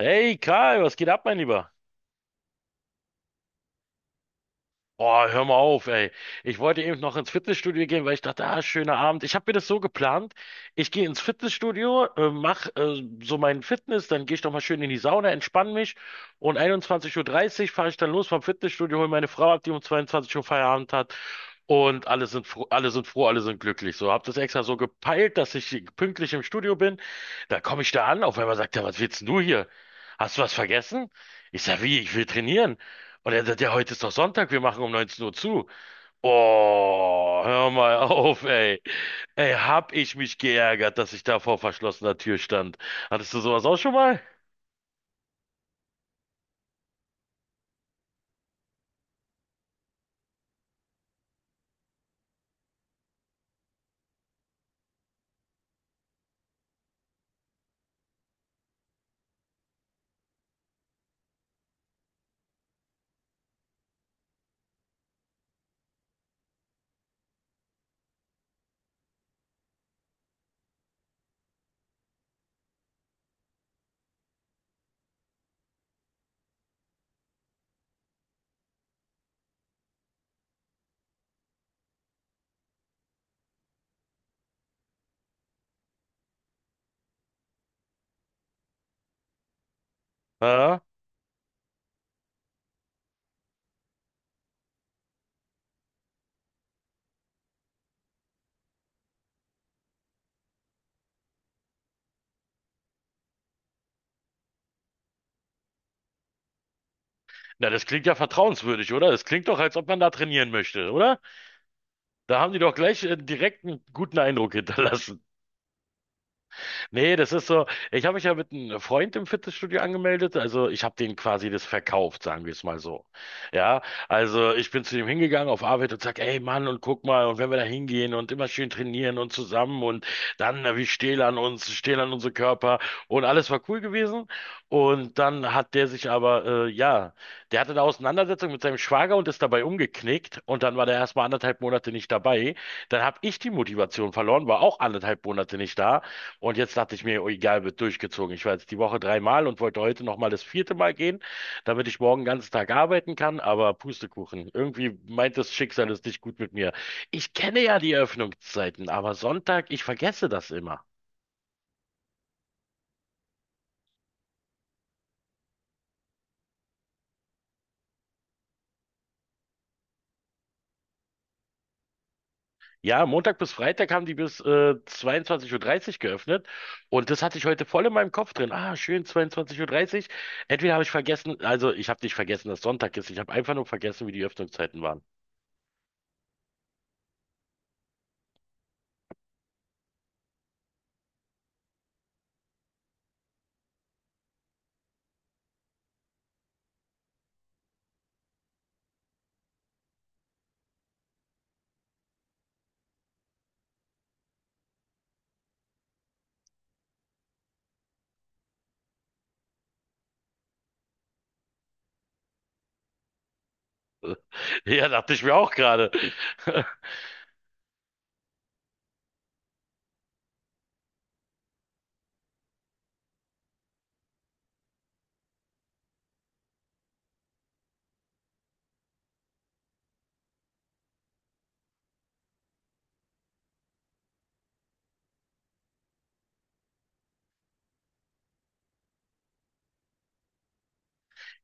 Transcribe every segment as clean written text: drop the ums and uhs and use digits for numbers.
Hey Karl, was geht ab, mein Lieber? Boah, hör mal auf, ey. Ich wollte eben noch ins Fitnessstudio gehen, weil ich dachte, ah, schöner Abend. Ich habe mir das so geplant. Ich gehe ins Fitnessstudio, mach so meinen Fitness, dann gehe ich doch mal schön in die Sauna, entspanne mich und 21:30 Uhr dreißig fahre ich dann los vom Fitnessstudio, hole meine Frau ab, die um 22 Uhr Feierabend hat und alle sind froh, alle sind froh, alle sind glücklich. So, hab das extra so gepeilt, dass ich pünktlich im Studio bin. Da komme ich da an, auf einmal sagt er, was willst denn du hier? Hast du was vergessen? Ich sag, wie, ich will trainieren. Und er sagt, ja, heute ist doch Sonntag, wir machen um 19 Uhr zu. Oh, hör mal auf, ey. Ey, hab ich mich geärgert, dass ich da vor verschlossener Tür stand. Hattest du sowas auch schon mal? Ja? Na, das klingt ja vertrauenswürdig, oder? Das klingt doch, als ob man da trainieren möchte, oder? Da haben die doch gleich direkt einen guten Eindruck hinterlassen. Nee, das ist so, ich habe mich ja mit einem Freund im Fitnessstudio angemeldet, also ich habe denen quasi das verkauft, sagen wir es mal so. Ja, also ich bin zu dem hingegangen auf Arbeit und sag, ey Mann, und guck mal, und wenn wir da hingehen und immer schön trainieren und zusammen und dann, na, wir stehlen an uns, stehlen an unsere Körper und alles war cool gewesen. Und dann hat der sich aber, ja, der hatte eine Auseinandersetzung mit seinem Schwager und ist dabei umgeknickt und dann war der erstmal anderthalb Monate nicht dabei. Dann habe ich die Motivation verloren, war auch anderthalb Monate nicht da. Und jetzt dachte ich mir, oh, egal, wird durchgezogen. Ich war jetzt die Woche dreimal und wollte heute nochmal das vierte Mal gehen, damit ich morgen den ganzen Tag arbeiten kann. Aber Pustekuchen, irgendwie meint das Schicksal es nicht gut mit mir. Ich kenne ja die Öffnungszeiten, aber Sonntag, ich vergesse das immer. Ja, Montag bis Freitag haben die bis 22:30 Uhr dreißig geöffnet und das hatte ich heute voll in meinem Kopf drin. Ah, schön, 22.30 Uhr. Dreißig. Entweder habe ich vergessen, also ich habe nicht vergessen, dass Sonntag ist, ich habe einfach nur vergessen, wie die Öffnungszeiten waren. Ja, dachte ich mir auch gerade.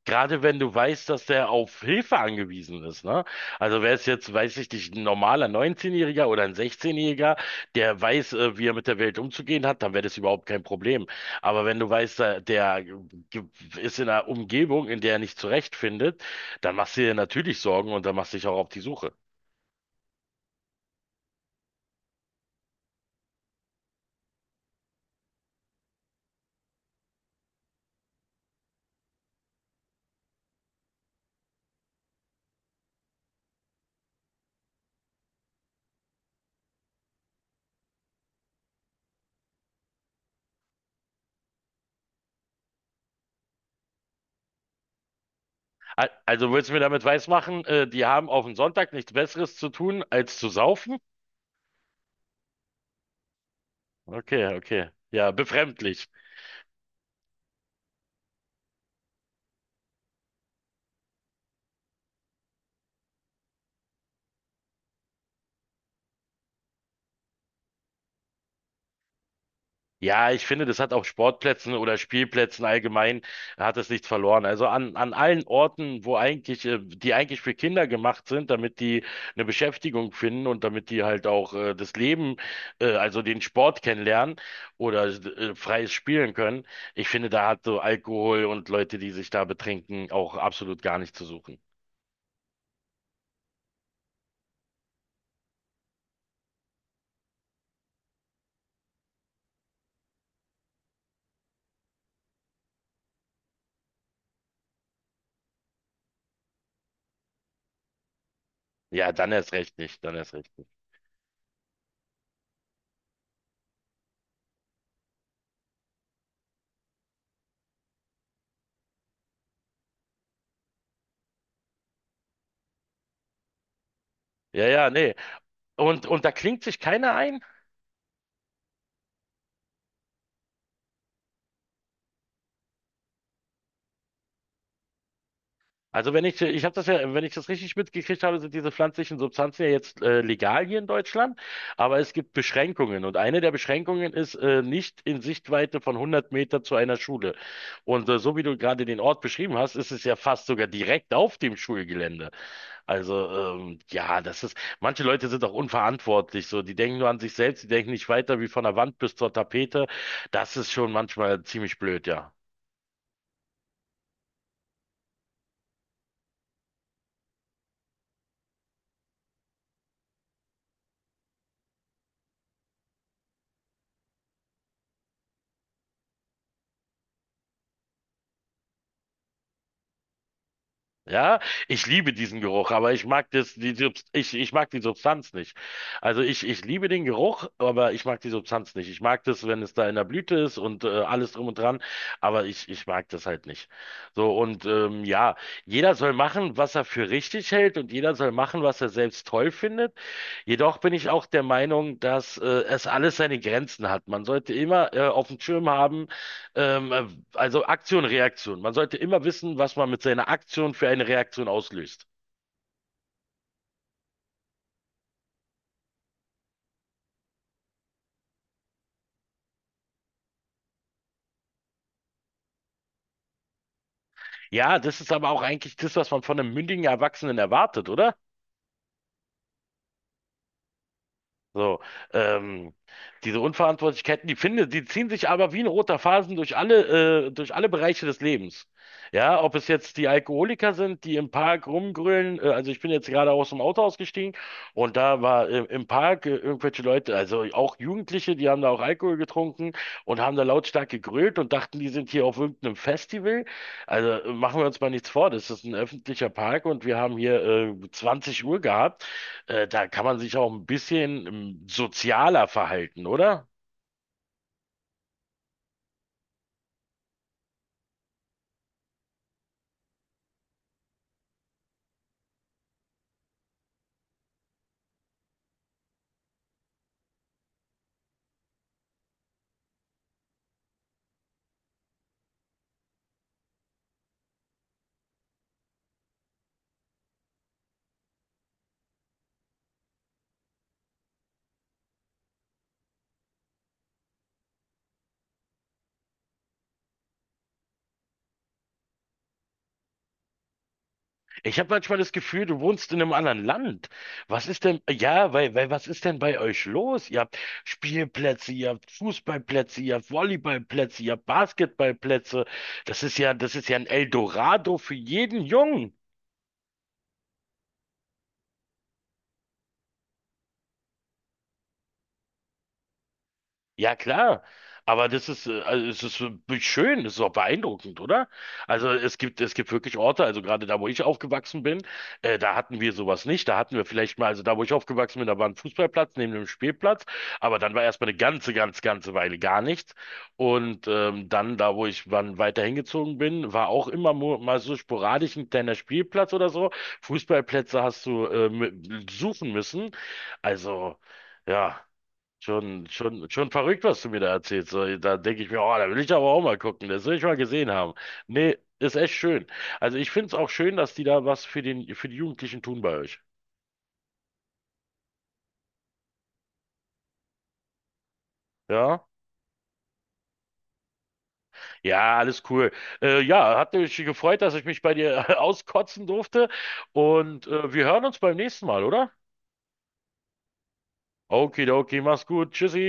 Gerade wenn du weißt, dass der auf Hilfe angewiesen ist, ne? Also wäre es jetzt, weiß ich nicht, ein normaler 19-Jähriger oder ein 16-Jähriger, der weiß, wie er mit der Welt umzugehen hat, dann wäre das überhaupt kein Problem. Aber wenn du weißt, ge- ist in einer Umgebung, in der er nicht zurechtfindet, dann machst du dir natürlich Sorgen und dann machst du dich auch auf die Suche. Also willst du mir damit weismachen, die haben auf den Sonntag nichts Besseres zu tun, als zu saufen? Okay, okay. Ja, befremdlich. Ja, ich finde, das hat auf Sportplätzen oder Spielplätzen allgemein hat es nichts verloren. Also an allen Orten, wo eigentlich, die eigentlich für Kinder gemacht sind, damit die eine Beschäftigung finden und damit die halt auch das Leben, also den Sport kennenlernen oder freies Spielen können. Ich finde, da hat so Alkohol und Leute, die sich da betrinken, auch absolut gar nicht zu suchen. Ja, dann erst recht nicht, dann erst recht nicht. Ja, ja, nee. Und da klingt sich keiner ein. Also wenn ich, ich habe das ja, wenn ich das richtig mitgekriegt habe, sind diese pflanzlichen Substanzen ja jetzt legal hier in Deutschland, aber es gibt Beschränkungen und eine der Beschränkungen ist nicht in Sichtweite von 100 Meter zu einer Schule. Und so wie du gerade den Ort beschrieben hast, ist es ja fast sogar direkt auf dem Schulgelände. Also ja, das ist, manche Leute sind auch unverantwortlich, so die denken nur an sich selbst, die denken nicht weiter wie von der Wand bis zur Tapete. Das ist schon manchmal ziemlich blöd, ja. Ja, ich liebe diesen Geruch, aber ich mag das, die, ich mag die Substanz nicht. Also ich liebe den Geruch, aber ich mag die Substanz nicht. Ich mag das, wenn es da in der Blüte ist und alles drum und dran, aber ich mag das halt nicht. So, und ja, jeder soll machen, was er für richtig hält und jeder soll machen, was er selbst toll findet. Jedoch bin ich auch der Meinung, dass es alles seine Grenzen hat. Man sollte immer auf dem Schirm haben, ähm, äh, also Aktion, Reaktion. Man sollte immer wissen, was man mit seiner Aktion für eine Reaktion auslöst. Ja, das ist aber auch eigentlich das, was man von einem mündigen Erwachsenen erwartet, oder? So, ähm, diese Unverantwortlichkeiten, die finde, die ziehen sich aber wie ein roter Faden durch alle Bereiche des Lebens. Ja, ob es jetzt die Alkoholiker sind, die im Park rumgrölen, also ich bin jetzt gerade aus dem Auto ausgestiegen und da war im Park irgendwelche Leute, also auch Jugendliche, die haben da auch Alkohol getrunken und haben da lautstark gegrölt und dachten, die sind hier auf irgendeinem Festival. Also machen wir uns mal nichts vor, das ist ein öffentlicher Park und wir haben hier 20 Uhr gehabt. Da kann man sich auch ein bisschen sozialer verhalten, oder? Ich habe manchmal das Gefühl, du wohnst in einem anderen Land. Was ist denn, ja, was ist denn bei euch los? Ihr habt Spielplätze, ihr habt Fußballplätze, ihr habt Volleyballplätze, ihr habt Basketballplätze. Das ist ja ein Eldorado für jeden Jungen. Ja, klar. Aber das ist, also es ist schön, es ist auch beeindruckend, oder? Also es gibt wirklich Orte, also gerade da, wo ich aufgewachsen bin, da hatten wir sowas nicht. Da hatten wir vielleicht mal, also da, wo ich aufgewachsen bin, da war ein Fußballplatz neben dem Spielplatz, aber dann war erstmal eine ganze Weile gar nichts. Und dann, da, wo ich wann weiter hingezogen bin, war auch immer mal so sporadisch ein kleiner Spielplatz oder so. Fußballplätze hast du suchen müssen. Also, ja. Schon, schon, schon verrückt, was du mir da erzählst. So, da denke ich mir, oh, da will ich aber auch mal gucken. Das will ich mal gesehen haben. Nee, ist echt schön. Also ich finde es auch schön, dass die da was für den, für die Jugendlichen tun bei euch. Ja? Ja, alles cool. Ja, hat mich gefreut, dass ich mich bei dir auskotzen durfte. Und wir hören uns beim nächsten Mal, oder? Okidoki, mach's gut. Tschüssi.